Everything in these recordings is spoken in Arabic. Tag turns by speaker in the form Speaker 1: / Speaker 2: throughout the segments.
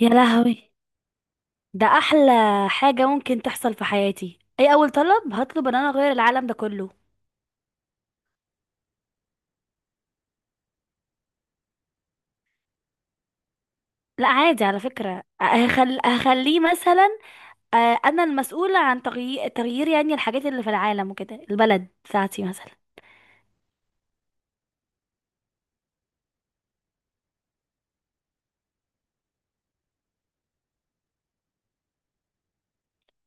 Speaker 1: يا لهوي! ده احلى حاجة ممكن تحصل في حياتي. اي اول طلب هطلب ان انا اغير العالم ده كله. لا عادي على فكرة، هخليه مثلا. انا المسؤولة عن تغيير يعني الحاجات اللي في العالم وكده، البلد بتاعتي مثلا.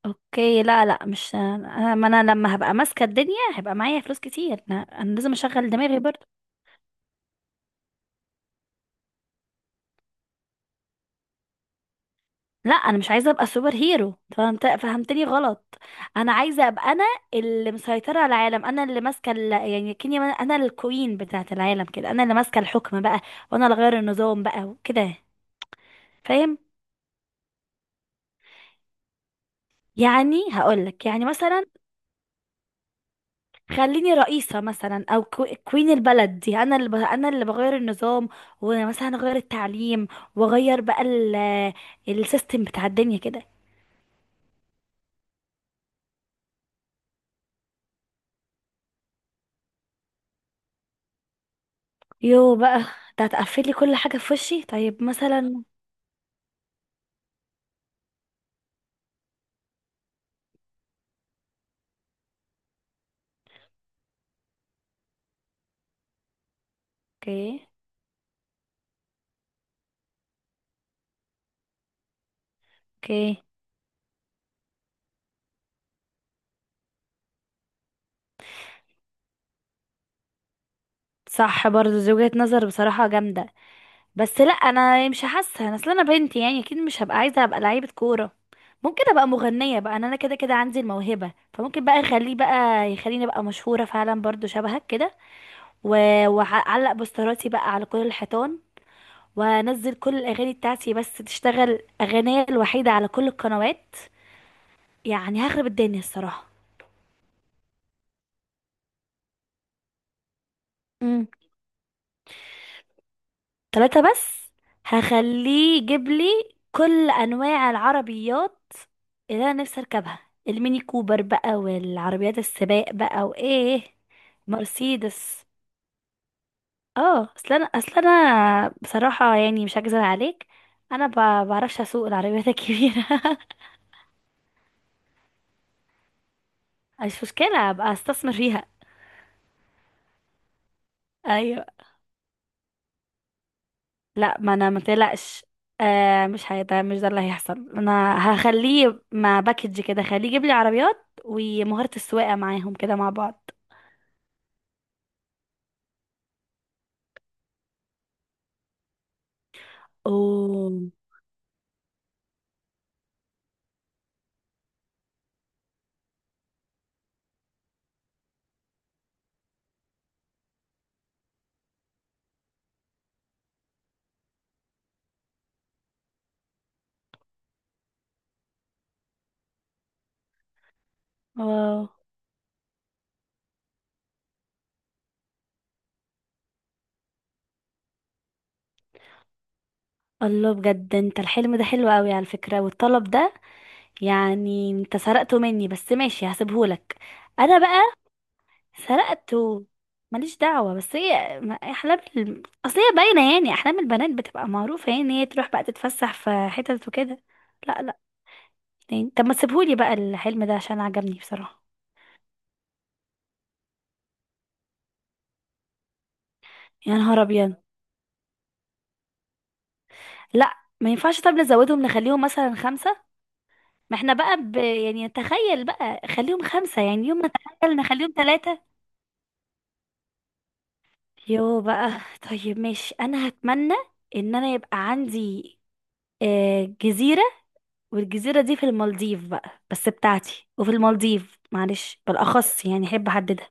Speaker 1: اوكي. لا، لا، مش انا ما انا لما هبقى ماسكة الدنيا هيبقى معايا فلوس كتير. انا لازم اشغل دماغي برضه. لا، انا مش عايزه ابقى سوبر هيرو. فهمتني غلط. انا عايزه ابقى انا اللي مسيطره على العالم، انا اللي يعني كني انا الكوين بتاعه العالم كده، انا اللي ماسكه الحكم بقى، وانا اللي غير النظام بقى وكده. فاهم؟ يعني هقولك يعني مثلا خليني رئيسة مثلا او كوين البلد دي. انا اللي بغير النظام، ومثلا اغير التعليم، واغير بقى السيستم بتاع الدنيا كده. يو بقى! ده هتقفلي كل حاجة في وشي. طيب مثلا. اوكي، اوكي. صح، برضو دي وجهة نظر بصراحة جامدة، بس لا انا مش حاسة. انا اصل انا بنت، يعني اكيد مش هبقى عايزة ابقى لعيبة كورة. ممكن ابقى مغنية بقى، انا كده كده عندي الموهبة، فممكن بقى اخليه بقى يخليني ابقى مشهورة فعلا برضو شبهك كده. واعلق بوستراتي بقى على كل الحيطان، وانزل كل الاغاني بتاعتي، بس تشتغل اغنية الوحيدة على كل القنوات. يعني هخرب الدنيا الصراحة. ثلاثة بس؟ هخليه يجيب لي كل انواع العربيات اللي انا نفسي اركبها، الميني كوبر بقى، والعربيات السباق بقى، وايه. مرسيدس. اه، اصل انا، اصل انا بصراحة يعني مش هكذب عليك، انا بعرفش اسوق العربيات الكبيرة مش مشكلة، ابقى استثمر فيها. ايوه. لا، ما انا ما تقلقش. آه، مش ده اللي هيحصل. انا هخليه مع باكج كده، خليه يجيب لي عربيات ومهارة السواقة معاهم كده مع بعض. اوه. واو. الله! بجد انت الحلم ده حلو قوي على فكرة، والطلب ده يعني انت سرقته مني، بس ماشي هسيبهولك. انا بقى سرقته، ماليش دعوة. بس هي احلام اصل هي باينة، يعني احلام البنات بتبقى معروفة، يعني هي تروح بقى تتفسح في حتت وكده. لا، لا. تاني؟ طب ما تسيبهولي بقى الحلم ده عشان عجبني بصراحة. يا نهار ابيض! لا، ما ينفعش. طب نزودهم، نخليهم مثلا خمسة. ما احنا بقى يعني تخيل بقى خليهم خمسة، يعني يوم ما نتخيل نخليهم ثلاثة. يو بقى! طيب ماشي، انا هتمنى ان انا يبقى عندي جزيرة. والجزيرة دي في المالديف بقى، بس بتاعتي، وفي المالديف معلش بالاخص، يعني احب احددها.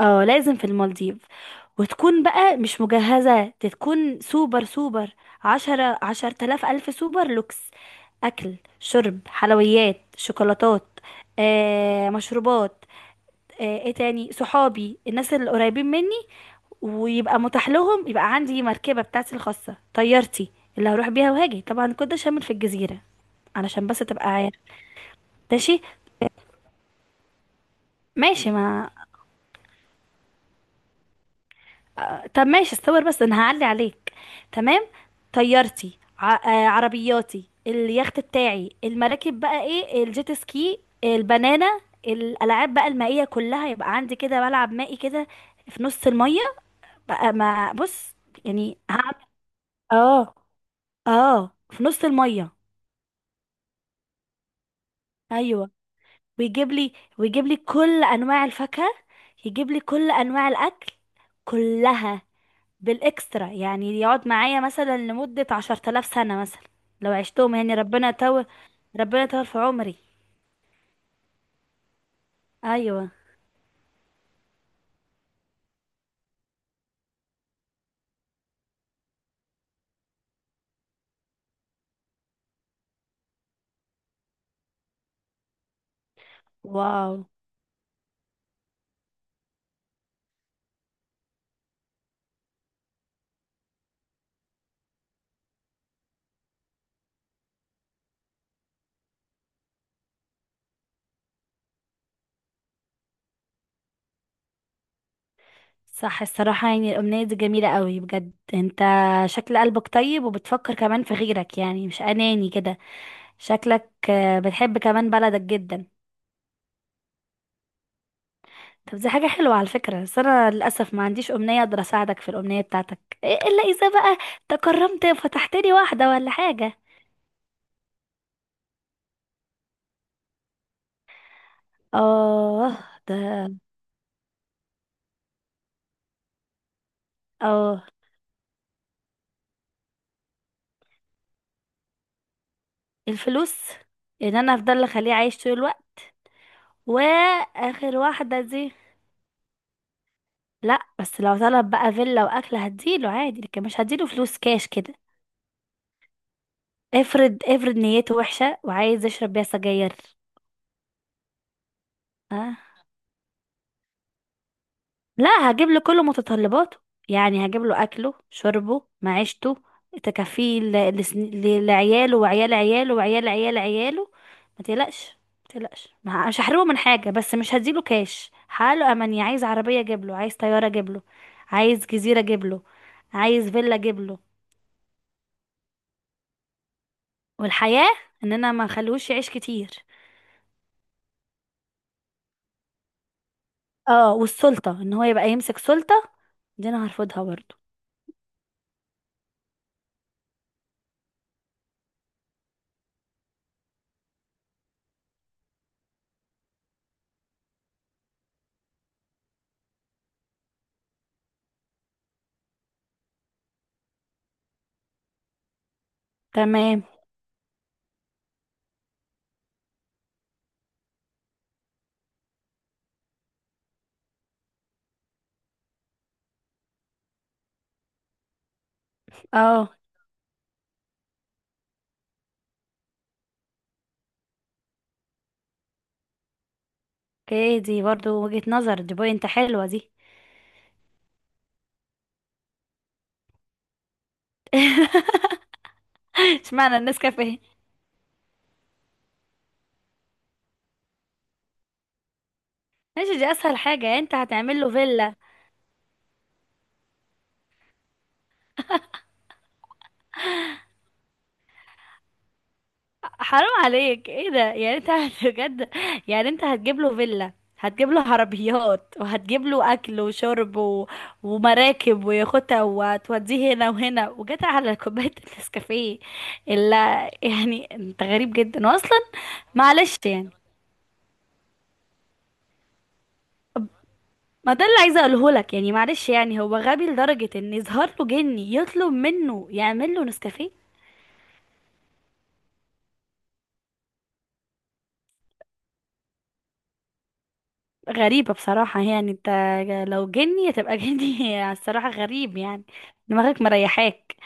Speaker 1: اه، لازم في المالديف. وتكون بقى مش مجهزة، تكون سوبر سوبر. عشرة 10,000 ألف سوبر لوكس. أكل، شرب، حلويات، شوكولاتات، مشروبات، ايه تاني، صحابي، الناس اللي قريبين مني. ويبقى متاح لهم، يبقى عندي مركبة بتاعتي الخاصة، طيارتي اللي هروح بيها وهاجي. طبعا كنت شامل في الجزيرة، علشان بس تبقى عارف. ماشي. ماشي ما طب ماشي، استور، بس انا هعلي عليك. تمام. طيارتي، عربياتي، اليخت بتاعي، المراكب بقى، ايه، الجيت سكي، البنانة، الالعاب بقى المائية كلها، يبقى عندي كده ملعب مائي كده في نص المية بقى. ما بص، يعني هعمل اه. اه، في نص المية. ايوه. ويجيب لي، ويجيب لي كل انواع الفاكهة، يجيب لي كل انواع الاكل كلها بالاكسترا، يعني يقعد معايا مثلا لمدة 10,000 سنة مثلا، لو عشتهم، يعني ربنا يطول. ربنا يطول في عمري. ايوه. واو. صح، الصراحة يعني الأمنية دي جميلة قوي بجد، انت شكل قلبك طيب، وبتفكر كمان في غيرك، يعني مش أناني كده. شكلك بتحب كمان بلدك جدا. طب دي حاجة حلوة على فكرة، بس أنا للأسف ما عنديش أمنية أقدر أساعدك في الأمنية بتاعتك. إيه إلا إذا بقى تكرمت فتحت لي واحدة ولا حاجة. آه. ده. اه. الفلوس. ان انا افضل اخليه عايش طول الوقت. واخر واحده دي. لا، بس لو طلب بقى فيلا واكل هديله عادي، لكن مش هديله فلوس كاش كده. افرض نيته وحشه وعايز يشرب بيها سجاير. اه. لا، هجيب له كل متطلباته، يعني هجيب له اكله، شربه، معيشته، تكفيه لعياله وعيال عياله وعيال عيال عياله. ما تقلقش، ما تقلقش. مش هحرمه من حاجه، بس مش هديله كاش. حاله اماني، عايز عربيه اجيب له، عايز طياره اجيب له، عايز جزيره اجيب له، عايز فيلا اجيب له. والحياه، ان انا ما اخليهوش يعيش كتير. اه، والسلطه، ان هو يبقى يمسك سلطه، دي انا هرفضها برضه. تمام. اه اوكي، دي برضو وجهة نظر، دي بوينت حلوة دي. اشمعنى النسكافيه؟ ماشي، دي اسهل حاجة. يعني انت هتعمل له فيلا؟ حرام عليك، ايه ده! يعني انت بجد، يعني انت هتجيب له فيلا، هتجيب له عربيات، وهتجيب له اكل وشرب و... ومراكب ويخوتة، وتوديه هنا وهنا، وجت على كوباية النسكافيه؟ الا يعني انت غريب جدا، واصلا معلش يعني. ما ده اللي عايزه اقوله لك، يعني معلش يعني هو غبي لدرجه ان يظهر له جني يطلب منه يعمل له نسكافيه. غريبه بصراحه، يعني انت لو جني هتبقى جني الصراحه غريب يعني. دماغك مريحاك.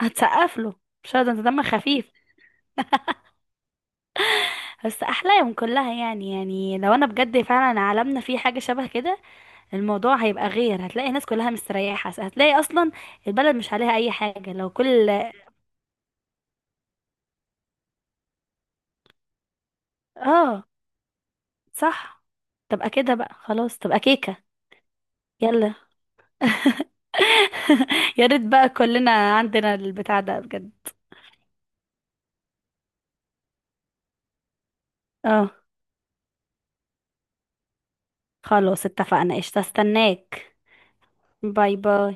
Speaker 1: هتسقف له؟ مش هذا، انت دمك خفيف. بس احلاهم كلها، يعني لو انا بجد فعلا عالمنا فيه حاجه شبه كده، الموضوع هيبقى غير، هتلاقي الناس كلها مستريحه، هتلاقي اصلا البلد مش عليها اي حاجه لو كل. اه. صح. تبقى كده بقى، خلاص تبقى كيكه. يلا. يا ريت بقى كلنا عندنا البتاع ده بجد. اه. خلاص اتفقنا، قشطة، استناك. باي باي.